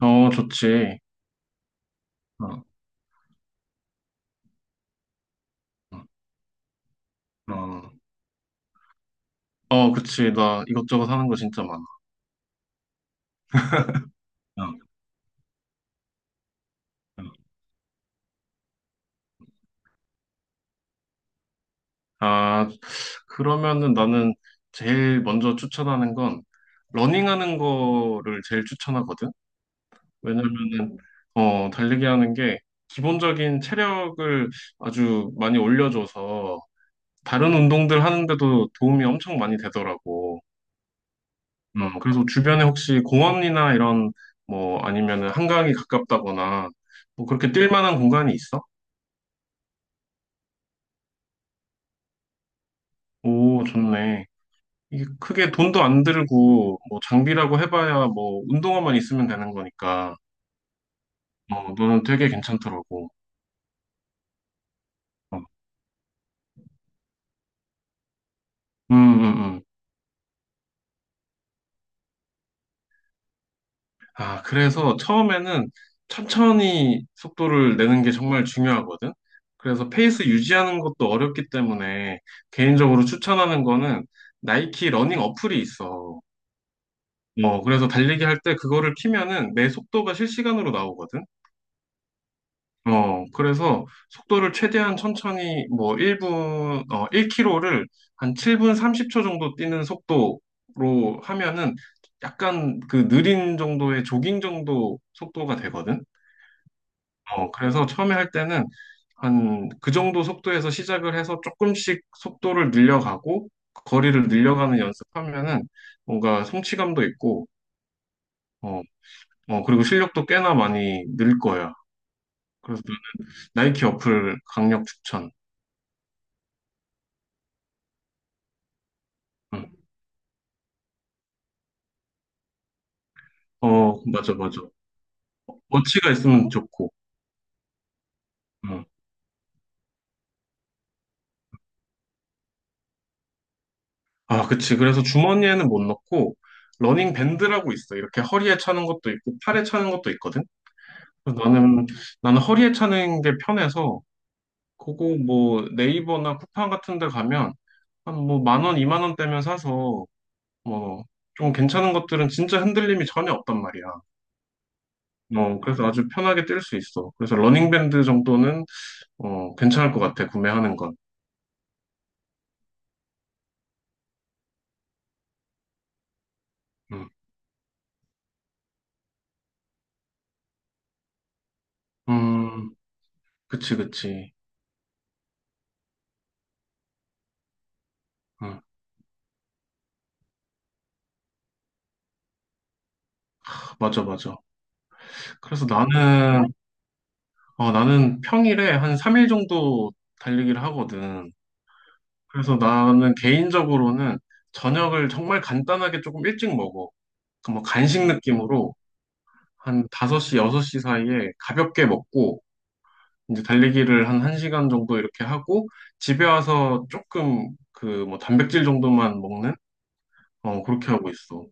어, 좋지. 어, 어, 어, 어, 그치. 나 이것저것 하는 거 진짜 많아. 어, 어. 아, 그러면은 나는 제일 먼저 추천하는 건 러닝하는 거를 제일 추천하거든. 왜냐면은 달리기 하는 게 기본적인 체력을 아주 많이 올려줘서 다른 운동들 하는데도 도움이 엄청 많이 되더라고. 그래서 주변에 혹시 공원이나 이런 뭐 아니면은 한강이 가깝다거나 뭐 그렇게 뛸 만한 공간이 있어? 오, 좋네. 이게 크게 돈도 안 들고 뭐 장비라고 해봐야 뭐 운동화만 있으면 되는 거니까 너는 되게 괜찮더라고. 어. 음, 음, 음. 아, 그래서 처음에는 천천히 속도를 내는 게 정말 중요하거든. 그래서 페이스 유지하는 것도 어렵기 때문에 개인적으로 추천하는 거는 나이키 러닝 어플이 있어. 어, 그래서 달리기 할 때 그거를 키면은 내 속도가 실시간으로 나오거든. 어, 그래서 속도를 최대한 천천히 뭐 1분, 1km를 한 7분 30초 정도 뛰는 속도로 하면은 약간 그 느린 정도의 조깅 정도 속도가 되거든. 어, 그래서 처음에 할 때는 한 그 정도 속도에서 시작을 해서 조금씩 속도를 늘려가고 거리를 늘려가는 연습하면은 뭔가 성취감도 있고 어, 어, 그리고 실력도 꽤나 많이 늘 거야. 그래서 나이키 어플 강력 추천. 응. 어, 맞아, 맞아. 워치가 있으면 좋고. 응. 아, 그치. 그래서 주머니에는 못 넣고, 러닝 밴드라고 있어. 이렇게 허리에 차는 것도 있고, 팔에 차는 것도 있거든. 그래서 나는, 나는 허리에 차는 게 편해서, 그거 뭐 네이버나 쿠팡 같은 데 가면, 한 뭐 만 원, 이만 원대면 사서, 뭐, 좀 괜찮은 것들은 진짜 흔들림이 전혀 없단 말이야. 어, 그래서 아주 편하게 뛸 수 있어. 그래서 러닝밴드 정도는 어, 괜찮을 것 같아, 구매하는 건. 음, 음, 그치, 그치. 음, 맞아, 맞아. 그래서 나는, 어, 나는 평일에 한 3일 정도 달리기를 하거든. 그래서 나는 개인적으로는 저녁을 정말 간단하게 조금 일찍 먹어. 그뭐 간식 느낌으로 한 5시, 6시 사이에 가볍게 먹고, 이제 달리기를 한 1시간 정도 이렇게 하고 집에 와서 조금 그 뭐 단백질 정도만 먹는 어 그렇게 하고 있어.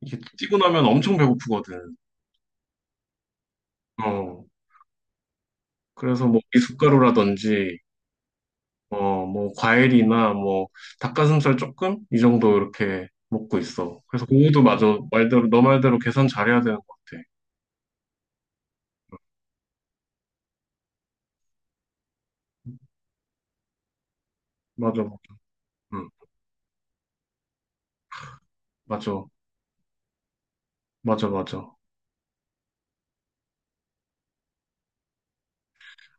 이게 뛰고 나면 엄청 배고프거든. 어. 그래서 뭐 미숫가루라든지 어 뭐 과일이나 뭐 닭가슴살 조금 이 정도 이렇게 먹고 있어. 그래서 그것도 맞아. 말대로 너 말대로 계산 잘해야 되는 것 같아. 맞아. 응. 맞아. 맞아. 맞아.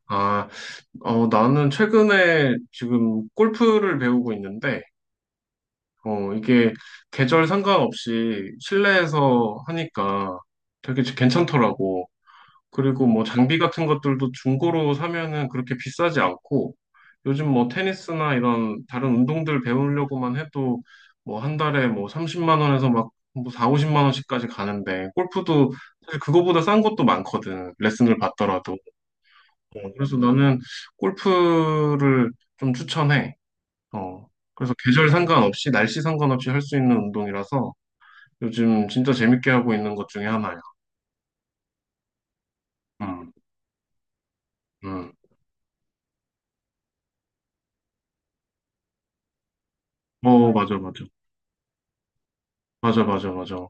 아, 어, 나는 최근에 지금 골프를 배우고 있는데 이게 계절 상관없이 실내에서 하니까 되게 괜찮더라고. 그리고 뭐 장비 같은 것들도 중고로 사면은 그렇게 비싸지 않고 요즘 뭐 테니스나 이런 다른 운동들 배우려고만 해도 뭐 한 달에 뭐 30만 원에서 막뭐 4, 50만 원씩까지 가는데 골프도 사실 그거보다 싼 것도 많거든. 레슨을 받더라도. 어, 그래서 나는 골프를 좀 추천해. 어, 그래서 계절 상관없이, 날씨 상관없이 할 수 있는 운동이라서 요즘 진짜 재밌게 하고 있는 것 중에 하나야. 음, 음. 어, 맞아, 맞아. 맞아, 맞아, 맞아.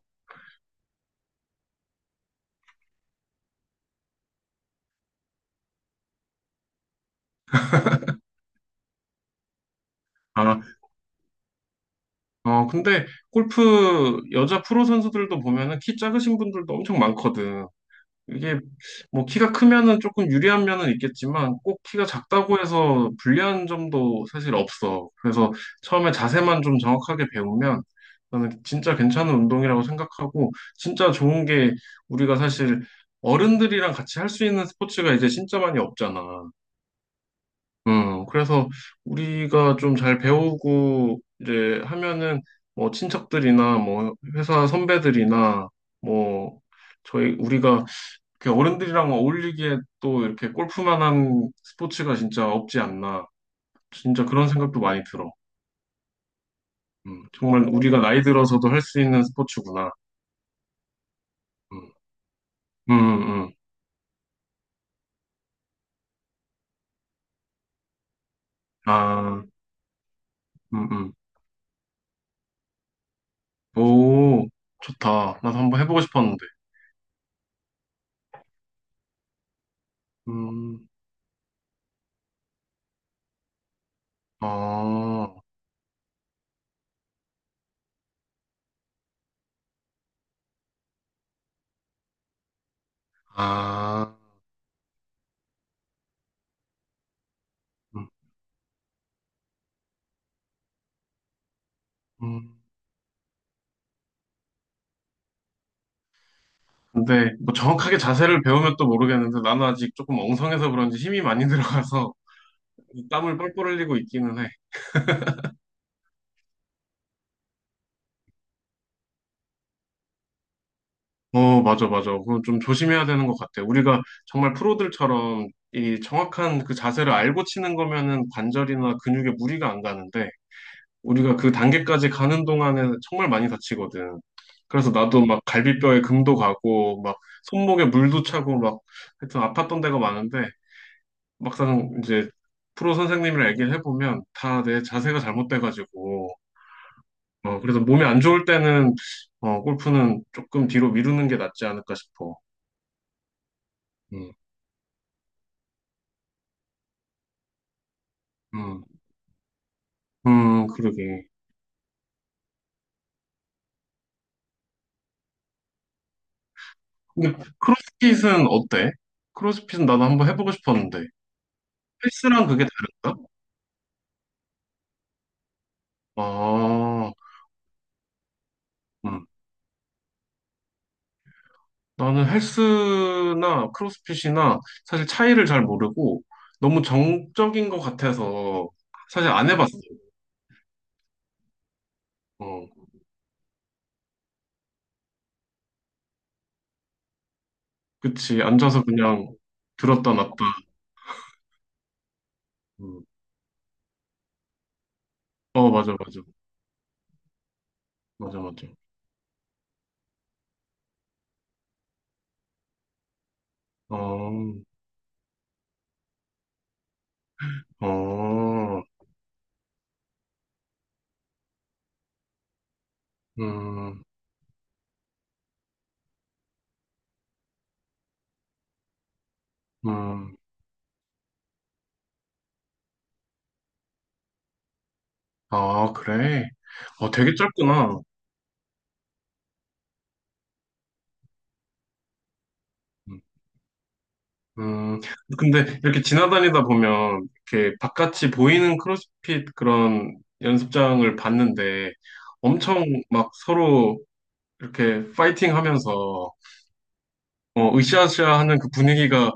아, 어, 근데 골프 여자 프로 선수들도 보면은 키 작으신 분들도 엄청 많거든. 이게 뭐 키가 크면은 조금 유리한 면은 있겠지만 꼭 키가 작다고 해서 불리한 점도 사실 없어. 그래서 처음에 자세만 좀 정확하게 배우면 나는 진짜 괜찮은 운동이라고 생각하고 진짜 좋은 게 우리가 사실 어른들이랑 같이 할 수 있는 스포츠가 이제 진짜 많이 없잖아. 그래서 우리가 좀 잘 배우고 이제 하면은 뭐 친척들이나 뭐 회사 선배들이나 뭐 저희 우리가 그 어른들이랑 어울리기에 또 이렇게 골프만한 스포츠가 진짜 없지 않나. 진짜 그런 생각도 많이 들어. 정말 우리가 나이 들어서도 할 수 있는 스포츠구나. 음, 음, 음. 아, 음, 음. 오, 좋다. 나도 한번 해보고 싶었는데. 음, 어, 아, 음, 음. 근데 뭐 정확하게 자세를 배우면 또 모르겠는데 나는 아직 조금 엉성해서 그런지 힘이 많이 들어가서 땀을 뻘뻘 흘리고 있기는 해. 어, 맞아, 맞아. 그건 좀 조심해야 되는 것 같아. 우리가 정말 프로들처럼 이 정확한 그 자세를 알고 치는 거면은 관절이나 근육에 무리가 안 가는데, 우리가 그 단계까지 가는 동안에 정말 많이 다치거든. 그래서 나도 막 갈비뼈에 금도 가고, 막 손목에 물도 차고, 막 하여튼 아팠던 데가 많은데, 막상 이제 프로 선생님이랑 얘기를 해보면 다 내 자세가 잘못돼가지고, 그래서 몸이 안 좋을 때는, 골프는 조금 뒤로 미루는 게 낫지 않을까 싶어. 음. 음, 그러게. 근데 크로스핏은 어때? 크로스핏은 나도 한번 해보고 싶었는데. 헬스랑 그게 다른가? 아, 음. 나는 헬스나 크로스핏이나 사실 차이를 잘 모르고 너무 정적인 것 같아서 사실 안 해봤어. 어, 그치. 앉아서 그냥 들었다 놨다. 음. 어, 맞아, 맞아. 맞아, 맞아. 어, 어, 음, 음. 아, 그래. 어, 되게 짧구나. 음. 음, 근데 이렇게 지나다니다 보면 이렇게 바깥이 보이는 크로스핏 그런 연습장을 봤는데 엄청 막 서로 이렇게 파이팅 하면서 어, 으쌰으쌰 하는 그 분위기가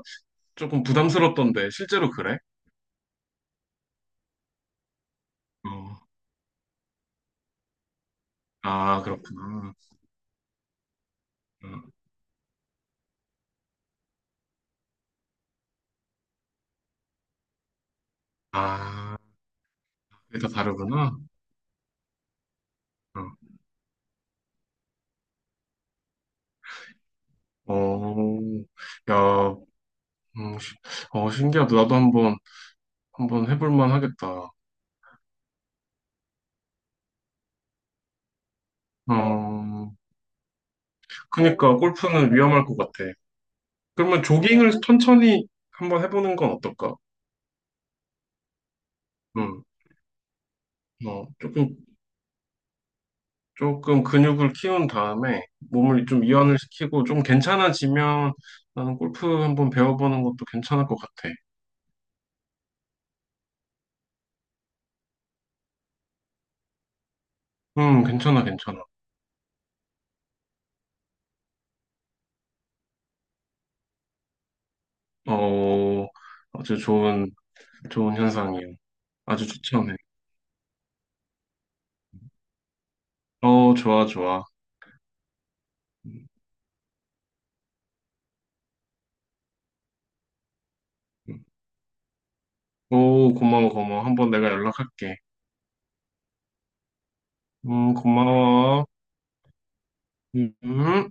조금 부담스럽던데 실제로 그래? 어, 아, 그렇구나. 음, 아, 그게 다 다르구나. 어, 어, 야, 음, 시- 어, 신기하다. 나도 한번, 한번 해볼 만 하겠다. 어, 그니까 골프는 위험할 것 같아. 그러면 조깅을 천천히 한번 해보는 건 어떨까? 음, 어, 조금, 조금 근육을 키운 다음에 몸을 좀 이완을 시키고 좀 괜찮아지면 나는 골프 한번 배워보는 것도 괜찮을 것 같아. 괜찮아, 괜찮아. 어, 아주 좋은, 좋은 현상이에요. 아주 추천해. 어, 좋아, 좋아. 음, 음. 오, 고마워, 고마워. 한번 내가 연락할게. 고마워. 음.